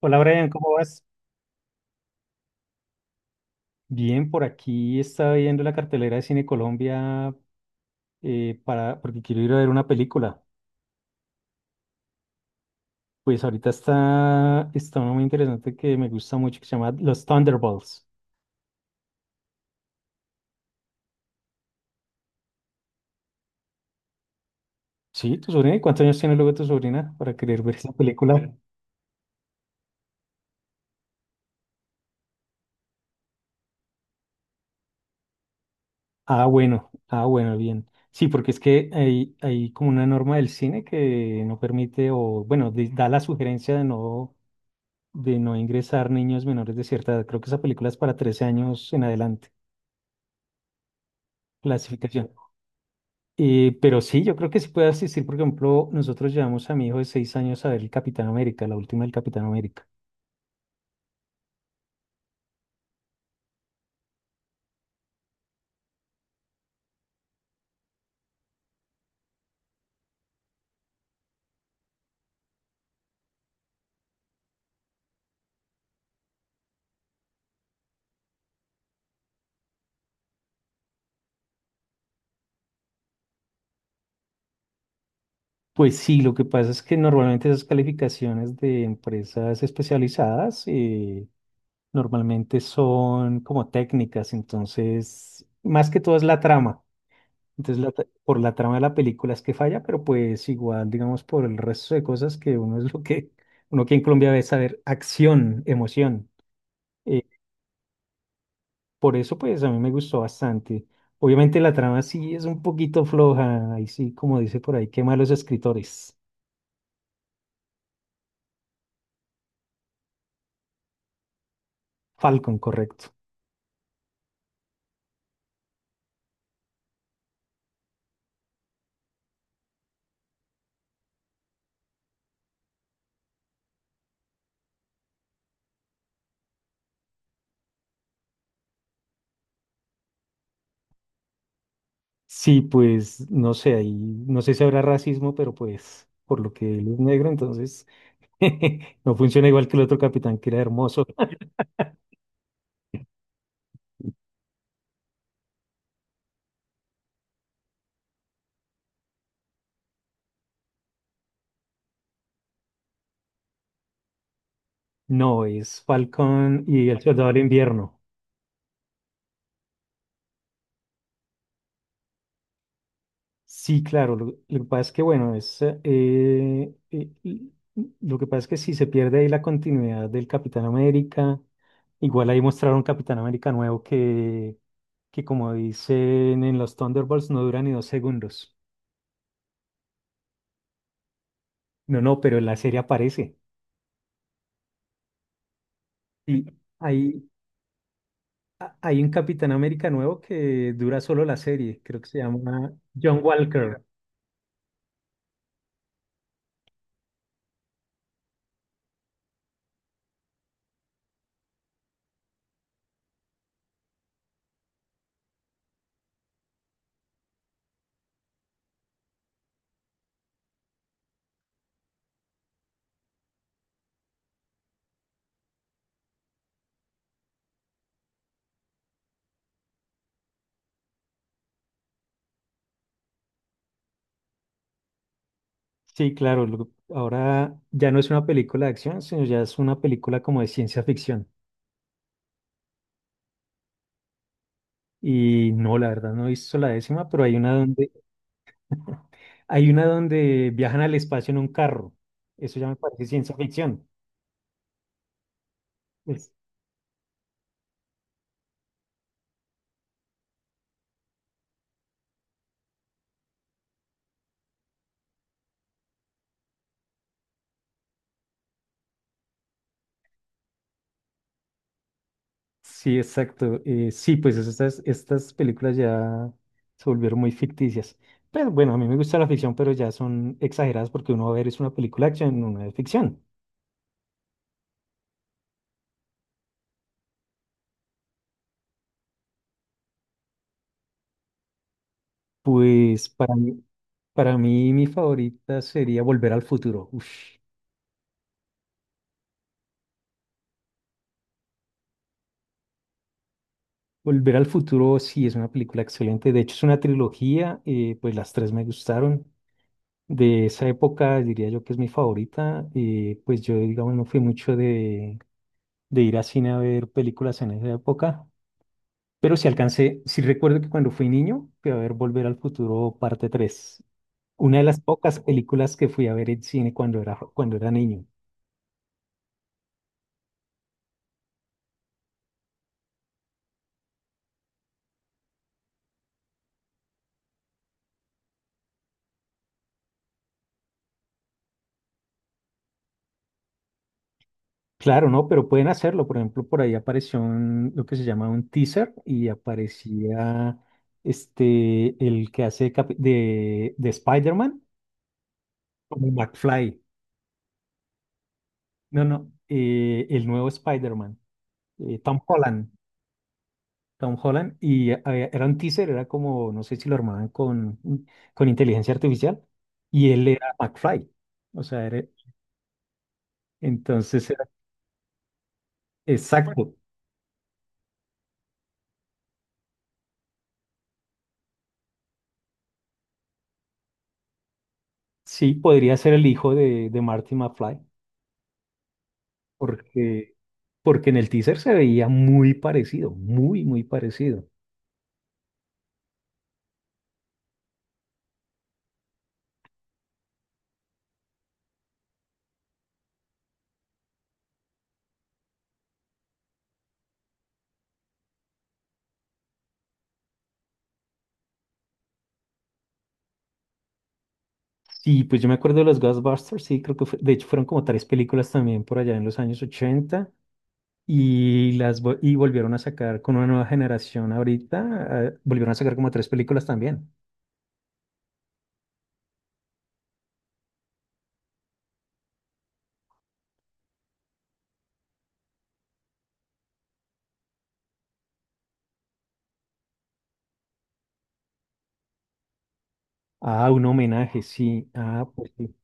Hola Brian, ¿cómo vas? Bien, por aquí estaba viendo la cartelera de Cine Colombia porque quiero ir a ver una película. Pues ahorita está una muy interesante que me gusta mucho que se llama Los Thunderbolts. ¿Sí? ¿Tu sobrina? ¿Y, cuántos años tiene luego tu sobrina para querer ver esa película? Ah, bueno, ah, bueno, bien. Sí, porque es que hay como una norma del cine que no permite, o bueno, da la sugerencia de no ingresar niños menores de cierta edad. Creo que esa película es para 13 años en adelante, clasificación. Pero sí, yo creo que sí puede asistir. Por ejemplo, nosotros llevamos a mi hijo de 6 años a ver el Capitán América, la última del Capitán América. Pues sí, lo que pasa es que normalmente esas calificaciones de empresas especializadas normalmente son como técnicas, entonces más que todo es la trama. Entonces, por la trama de la película es que falla, pero pues igual, digamos, por el resto de cosas que uno es lo que, uno aquí en Colombia ve saber acción, emoción. Por eso, pues, a mí me gustó bastante. Obviamente la trama sí es un poquito floja, ahí sí, como dice por ahí, qué malos escritores. Falcon, correcto. Sí, pues, no sé, ahí, no sé si habrá racismo, pero pues, por lo que él es negro, entonces, no funciona igual que el otro capitán, que era hermoso. No, es Falcon y el Soldado del Invierno. Sí, claro. Lo que pasa es que, bueno, lo que pasa es que si se pierde ahí la continuidad del Capitán América, igual ahí mostraron un Capitán América nuevo que como dicen en los Thunderbolts, no dura ni 2 segundos. No, no, pero en la serie aparece. Y hay, hay un Capitán América nuevo que dura solo la serie, creo que se llama John Walker. Sí, claro. Ahora ya no es una película de acción, sino ya es una película como de ciencia ficción. Y no, la verdad no he visto la décima, pero hay una donde viajan al espacio en un carro. Eso ya me parece ciencia ficción. Es- sí, exacto. Sí, pues estas películas ya se volvieron muy ficticias. Pero bueno, a mí me gusta la ficción, pero ya son exageradas porque uno va a ver es una película de acción, una de ficción. Pues para mí mi favorita sería Volver al Futuro. Uf, Volver al futuro sí es una película excelente. De hecho, es una trilogía, pues las tres me gustaron. De esa época diría yo que es mi favorita. Pues yo, digamos, no fui mucho de ir a cine a ver películas en esa época. Pero sí alcancé, sí recuerdo que cuando fui niño fui a ver Volver al Futuro parte 3. Una de las pocas películas que fui a ver en cine cuando era niño. Claro, no, pero pueden hacerlo. Por ejemplo, por ahí apareció lo que se llama un teaser y aparecía este, el que hace de Spider-Man, como McFly. No, no, el nuevo Spider-Man, Tom Holland. Tom Holland, y era un teaser, era como, no sé si lo armaban con, inteligencia artificial, y él era McFly. O sea, entonces exacto. Sí, podría ser el hijo de Marty McFly. Porque, porque en el teaser se veía muy parecido, muy, muy parecido. Sí, pues yo me acuerdo de los Ghostbusters, sí, creo que de hecho fueron como tres películas también por allá en los años ochenta y volvieron a sacar con una nueva generación ahorita, volvieron a sacar como tres películas también. Ah, un homenaje, sí. Ah, pues sí,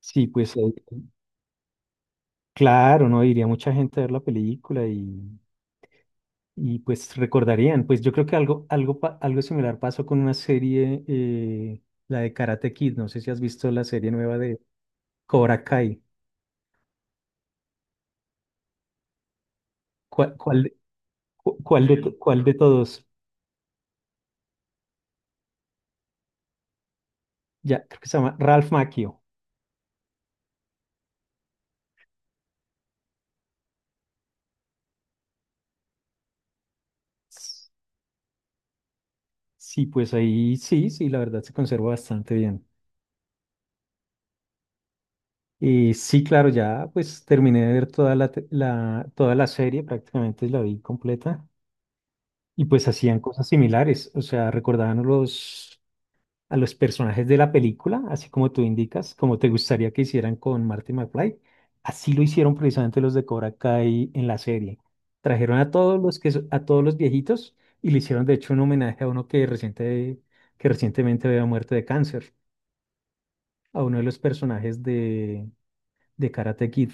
sí, pues claro, no iría mucha gente a ver la película y pues recordarían, pues yo creo que algo similar pasó con una serie, la de Karate Kid, no sé si has visto la serie nueva de Cobra Kai. ¿Cuál, cuál, de- cu- cuál de, to- cuál de todos? Ya, creo que se llama Ralph Macchio. S- Sí, pues ahí sí, sí, la verdad se conserva bastante bien. Y sí, claro, ya pues terminé de ver toda la serie, prácticamente la vi completa. Y pues hacían cosas similares, o sea, recordaban los a los personajes de la película, así como tú indicas, como te gustaría que hicieran con Marty McFly. Así lo hicieron precisamente los de Cobra Kai en la serie. Trajeron a todos los que a todos los viejitos y le hicieron de hecho un homenaje a uno que que recientemente había muerto de cáncer, a uno de los personajes de Karate Kid.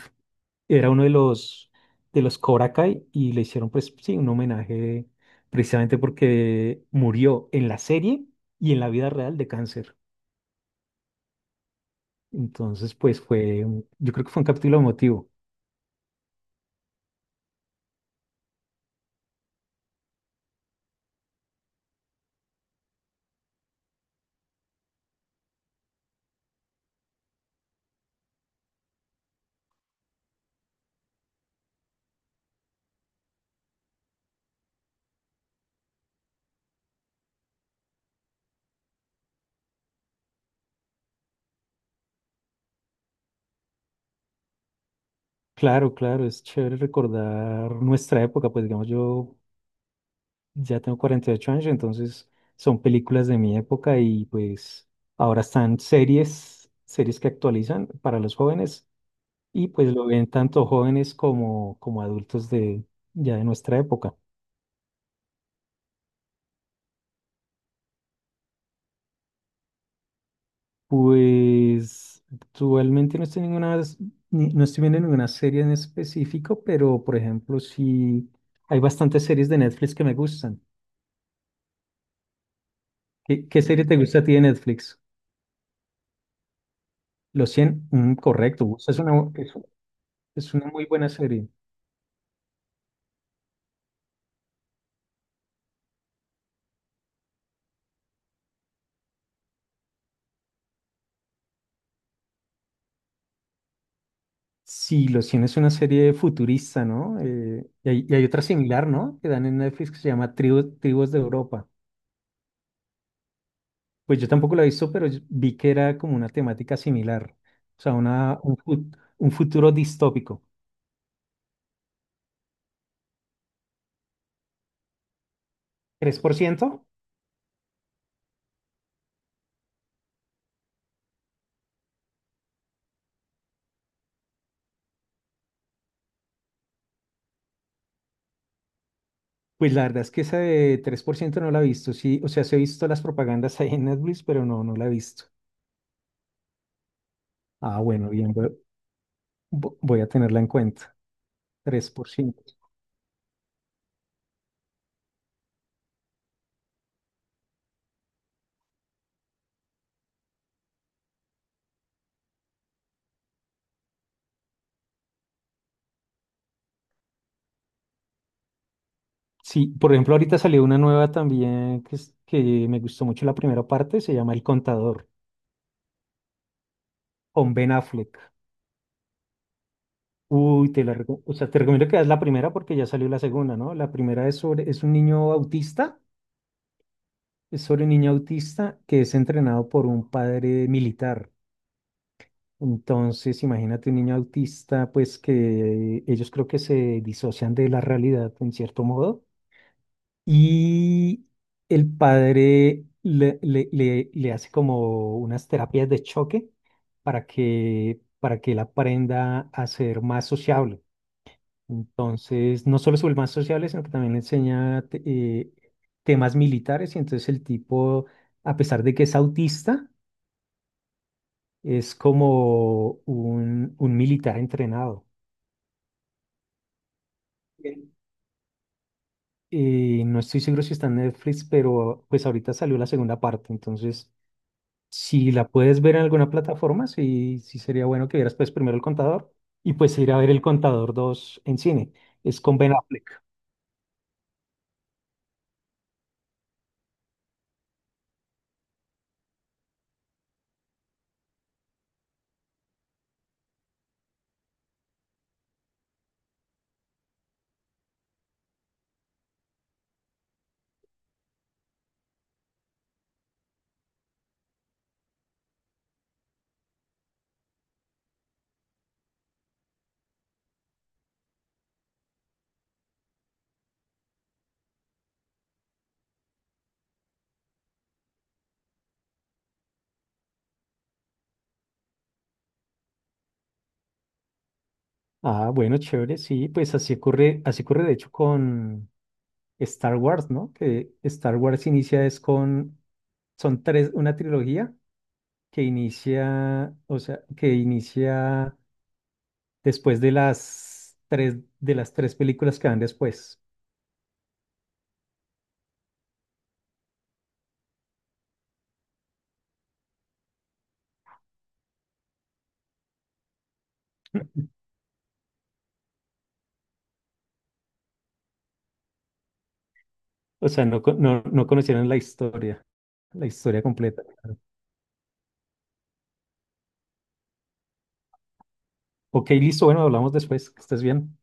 Era uno de los Cobra Kai y le hicieron pues sí un homenaje precisamente porque murió en la serie y en la vida real de cáncer. Entonces, pues fue, yo creo que fue un capítulo emotivo. Claro, claro, es chévere recordar nuestra época, pues digamos yo ya tengo 48 años, entonces son películas de mi época y pues ahora están series que actualizan para los jóvenes y pues lo ven tanto jóvenes como adultos de ya de nuestra época. Pues actualmente no estoy ninguna, no estoy viendo ninguna serie en específico, pero por ejemplo, sí hay bastantes series de Netflix que me gustan. ¿Qué serie te gusta a ti de Netflix? Los 100, mm, correcto, o sea, es una muy buena serie. Sí, Los cien es una serie futurista, ¿no? Y hay otra similar, ¿no? Que dan en Netflix que se llama Tribus de Europa. Pues yo tampoco la he visto, pero yo vi que era como una temática similar, o sea, un futuro distópico. Tres por ciento. Pues la verdad es que esa de tres por ciento no la he visto, sí, o sea, sí he visto las propagandas ahí en Netflix, pero no, no la he visto. Ah, bueno, bien, voy, voy a tenerla en cuenta, Tres por ciento. Sí, por ejemplo, ahorita salió una nueva también que me gustó mucho la primera parte, se llama El Contador, con Ben Affleck. Uy, o sea, te recomiendo que veas la primera porque ya salió la segunda, ¿no? La primera es sobre, es un niño autista, es sobre un niño autista que es entrenado por un padre militar. Entonces, imagínate un niño autista, pues que ellos creo que se disocian de la realidad en cierto modo y el padre le hace como unas terapias de choque para que él aprenda a ser más sociable. Entonces, no solo sobre más sociable, sino que también le enseña temas militares y entonces el tipo, a pesar de que es autista, es como un militar entrenado. Bien. No estoy seguro si está en Netflix, pero pues ahorita salió la segunda parte, entonces si la puedes ver en alguna plataforma, sí, sí sería bueno que vieras pues primero El Contador y pues ir a ver El Contador 2 en cine. Es con Ben Affleck. Ah, bueno, chévere, sí, pues así ocurre de hecho con Star Wars, ¿no? Que Star Wars inicia es con, son tres, una trilogía que inicia, o sea, que inicia después de las tres, películas que van después. O sea, no, no, no conocieron la historia completa. Ok, listo, bueno, hablamos después, que estés bien.